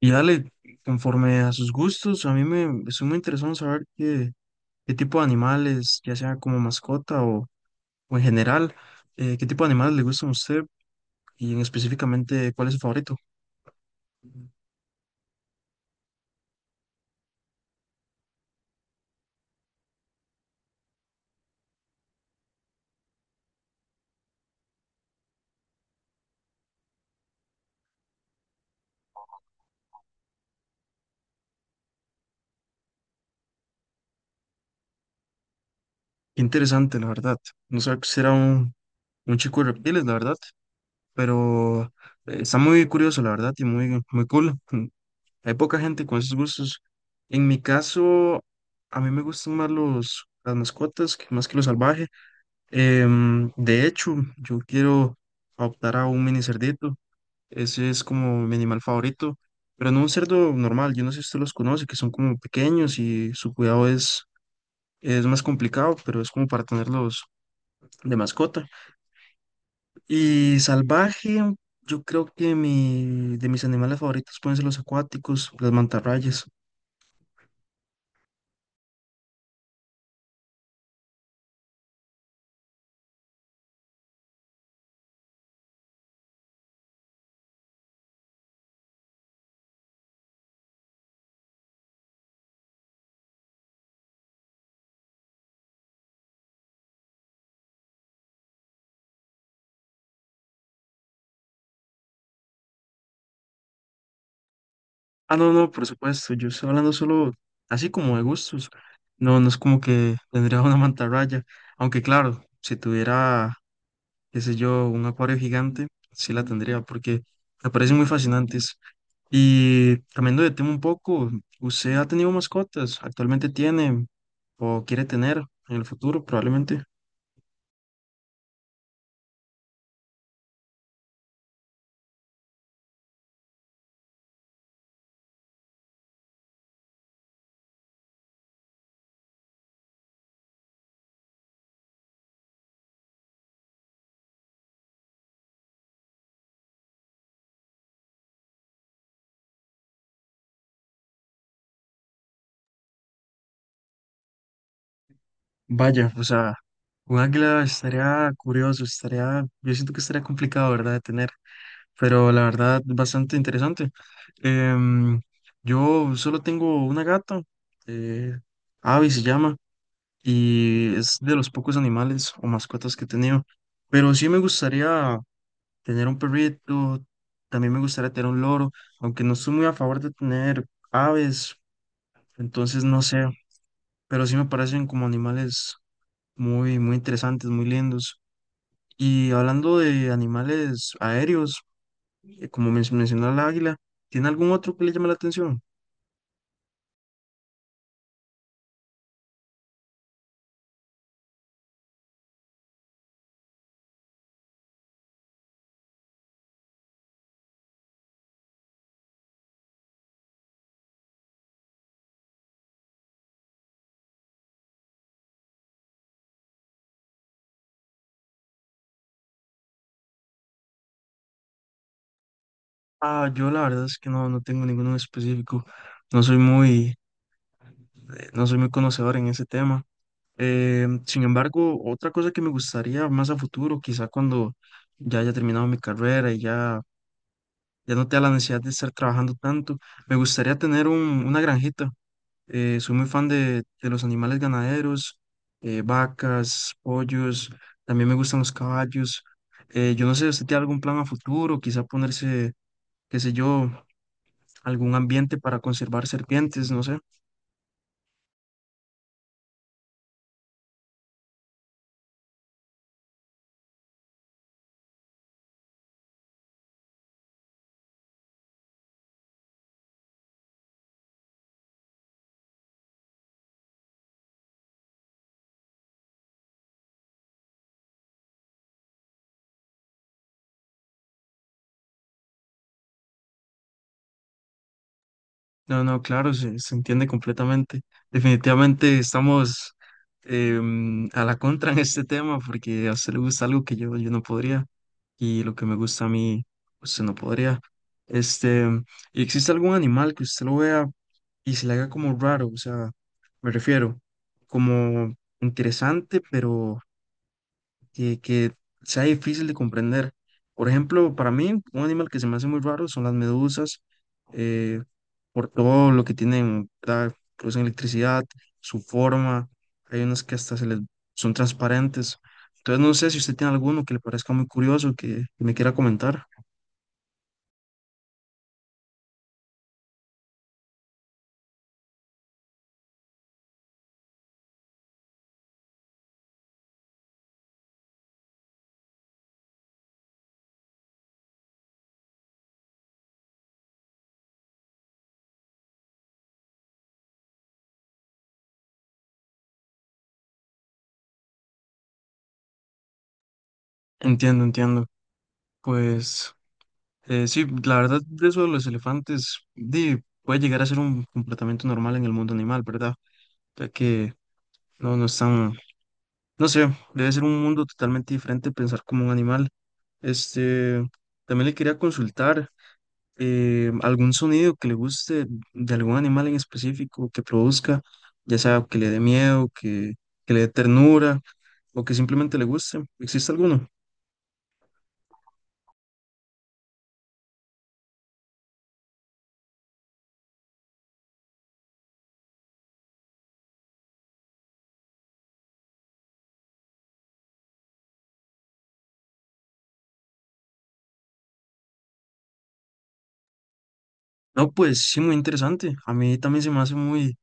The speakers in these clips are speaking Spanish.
Y dale, conforme a sus gustos, a mí me es muy interesante saber qué tipo de animales, ya sea como mascota o en general, qué tipo de animales le gustan a usted y en específicamente cuál es su favorito. Qué interesante, la verdad. No sabía que usted era un chico de reptiles, la verdad, pero está muy curioso, la verdad, y muy, muy cool. Hay poca gente con esos gustos. En mi caso, a mí me gustan más las mascotas más que lo salvaje. De hecho, yo quiero optar a un mini cerdito. Ese es como mi animal favorito, pero no un cerdo normal. Yo no sé si usted los conoce, que son como pequeños y su cuidado es más complicado, pero es como para tenerlos de mascota. Y salvaje, yo creo que de mis animales favoritos pueden ser los acuáticos, las mantarrayas. Ah, no, no, por supuesto. Yo estoy hablando solo así como de gustos. No, no es como que tendría una mantarraya. Aunque claro, si tuviera qué sé yo, un acuario gigante, sí la tendría porque me parecen muy fascinantes. Y cambiando de tema un poco, ¿usted ha tenido mascotas? ¿Actualmente tiene o quiere tener en el futuro probablemente? Vaya, o sea, un águila estaría curioso, yo siento que estaría complicado, ¿verdad? De tener, pero la verdad, bastante interesante. Em, yo solo tengo una gata, eh, Abby se llama. Y es de los pocos animales o mascotas que he tenido. Pero sí me gustaría tener un perrito, también me gustaría tener un loro, aunque no estoy muy a favor de tener aves, entonces no sé, pero sí me parecen como animales muy, muy interesantes, muy lindos. Y hablando de animales aéreos, como mencionó el águila, ¿tiene algún otro que le llame la atención? Ah, yo la verdad es que no tengo ninguno en específico. No soy muy, no soy muy conocedor en ese tema. Sin embargo, otra cosa que me gustaría más a futuro, quizá cuando ya haya terminado mi carrera ya no tenga la necesidad de estar trabajando tanto, me gustaría tener una granjita. Soy muy fan de los animales ganaderos, vacas, pollos, también me gustan los caballos. Yo no sé, ¿usted tiene algún plan a futuro? Quizá ponerse, qué sé yo, algún ambiente para conservar serpientes, no sé. No, no, claro, se entiende completamente. Definitivamente estamos a la contra en este tema porque a usted le gusta algo que yo no podría y lo que me gusta a mí, usted no podría. Este, ¿y existe algún animal que usted lo vea y se le haga como raro? O sea, me refiero, como interesante, pero que sea difícil de comprender. Por ejemplo, para mí, un animal que se me hace muy raro son las medusas, eh, por todo lo que tienen, ¿verdad? Producen electricidad, su forma, hay unas que hasta son transparentes. Entonces, no sé si usted tiene alguno que le parezca muy curioso, que me quiera comentar. Entiendo, entiendo. Pues sí, la verdad de eso de los elefantes di, puede llegar a ser un comportamiento normal en el mundo animal, ¿verdad? Ya que no están. No sé, debe ser un mundo totalmente diferente pensar como un animal. Este, también le quería consultar algún sonido que le guste de algún animal en específico que produzca, ya sea que le dé miedo, que le dé ternura o que simplemente le guste. ¿Existe alguno? No, pues sí, muy interesante. A mí también se me hace muy,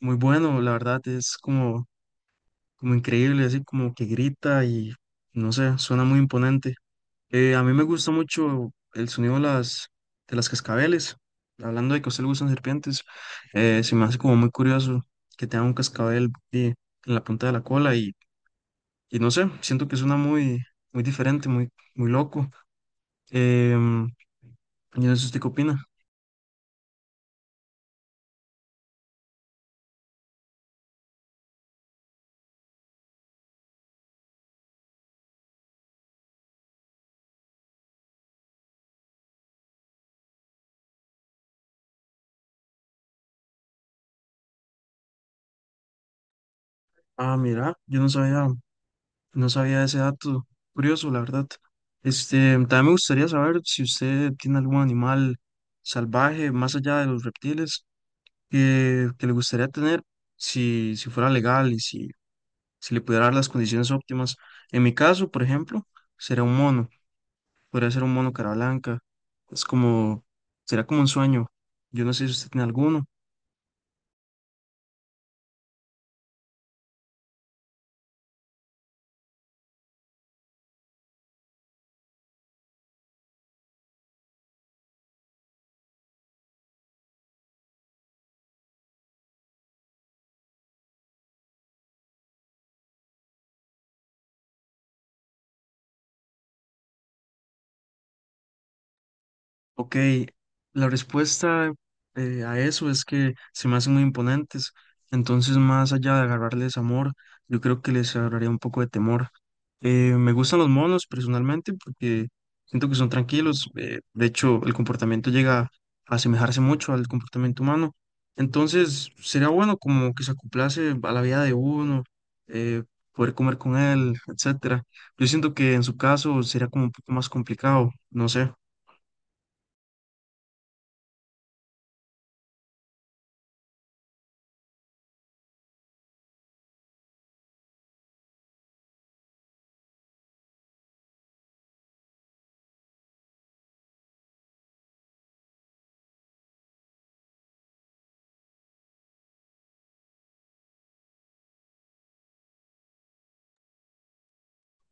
muy bueno, la verdad, es como, como increíble, así como que grita y no sé, suena muy imponente. A mí me gusta mucho el sonido de de las cascabeles. Hablando de que a usted le gustan serpientes, se me hace como muy curioso que tenga un cascabel en la punta de la cola y no sé, siento que suena muy, muy diferente, muy, muy loco. Em, yo no sé usted qué opina. Ah, mira, yo no sabía, no sabía ese dato. Curioso, la verdad. Este, también me gustaría saber si usted tiene algún animal salvaje más allá de los reptiles que le gustaría tener si fuera legal y si le pudiera dar las condiciones óptimas. En mi caso, por ejemplo, sería un mono, podría ser un mono cara blanca. Es como, será como un sueño. Yo no sé si usted tiene alguno. Ok, la respuesta a eso es que se me hacen muy imponentes. Entonces, más allá de agarrarles amor, yo creo que les agarraría un poco de temor. Me gustan los monos personalmente porque siento que son tranquilos. De hecho, el comportamiento llega a asemejarse mucho al comportamiento humano. Entonces, sería bueno como que se acoplase a la vida de uno, eh, poder comer con él, etcétera. Yo siento que en su caso sería como un poco más complicado, no sé.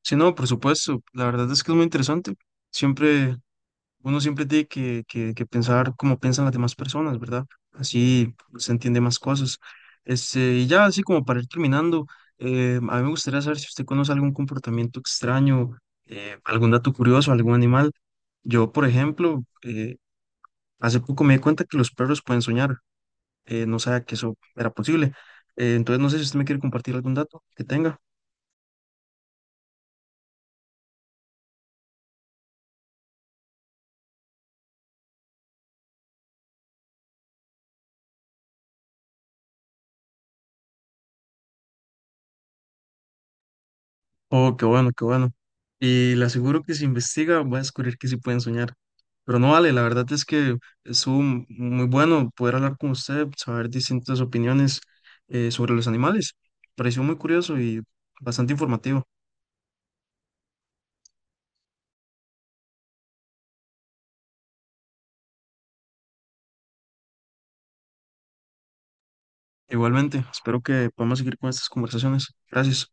Si no, por supuesto, la verdad es que es muy interesante. Siempre uno siempre tiene que pensar como piensan las demás personas, ¿verdad? Así se entiende más cosas. Este, y ya así como para ir terminando, a mí me gustaría saber si usted conoce algún comportamiento extraño, algún dato curioso, algún animal. Yo, por ejemplo, hace poco me di cuenta que los perros pueden soñar. No sabía que eso era posible. Entonces, no sé si usted me quiere compartir algún dato que tenga. Oh, qué bueno, qué bueno. Y le aseguro que si investiga va a descubrir que sí pueden soñar. Pero no vale, la verdad es que estuvo muy bueno poder hablar con usted, saber distintas opiniones sobre los animales. Pareció muy curioso y bastante informativo. Igualmente, espero que podamos seguir con estas conversaciones. Gracias.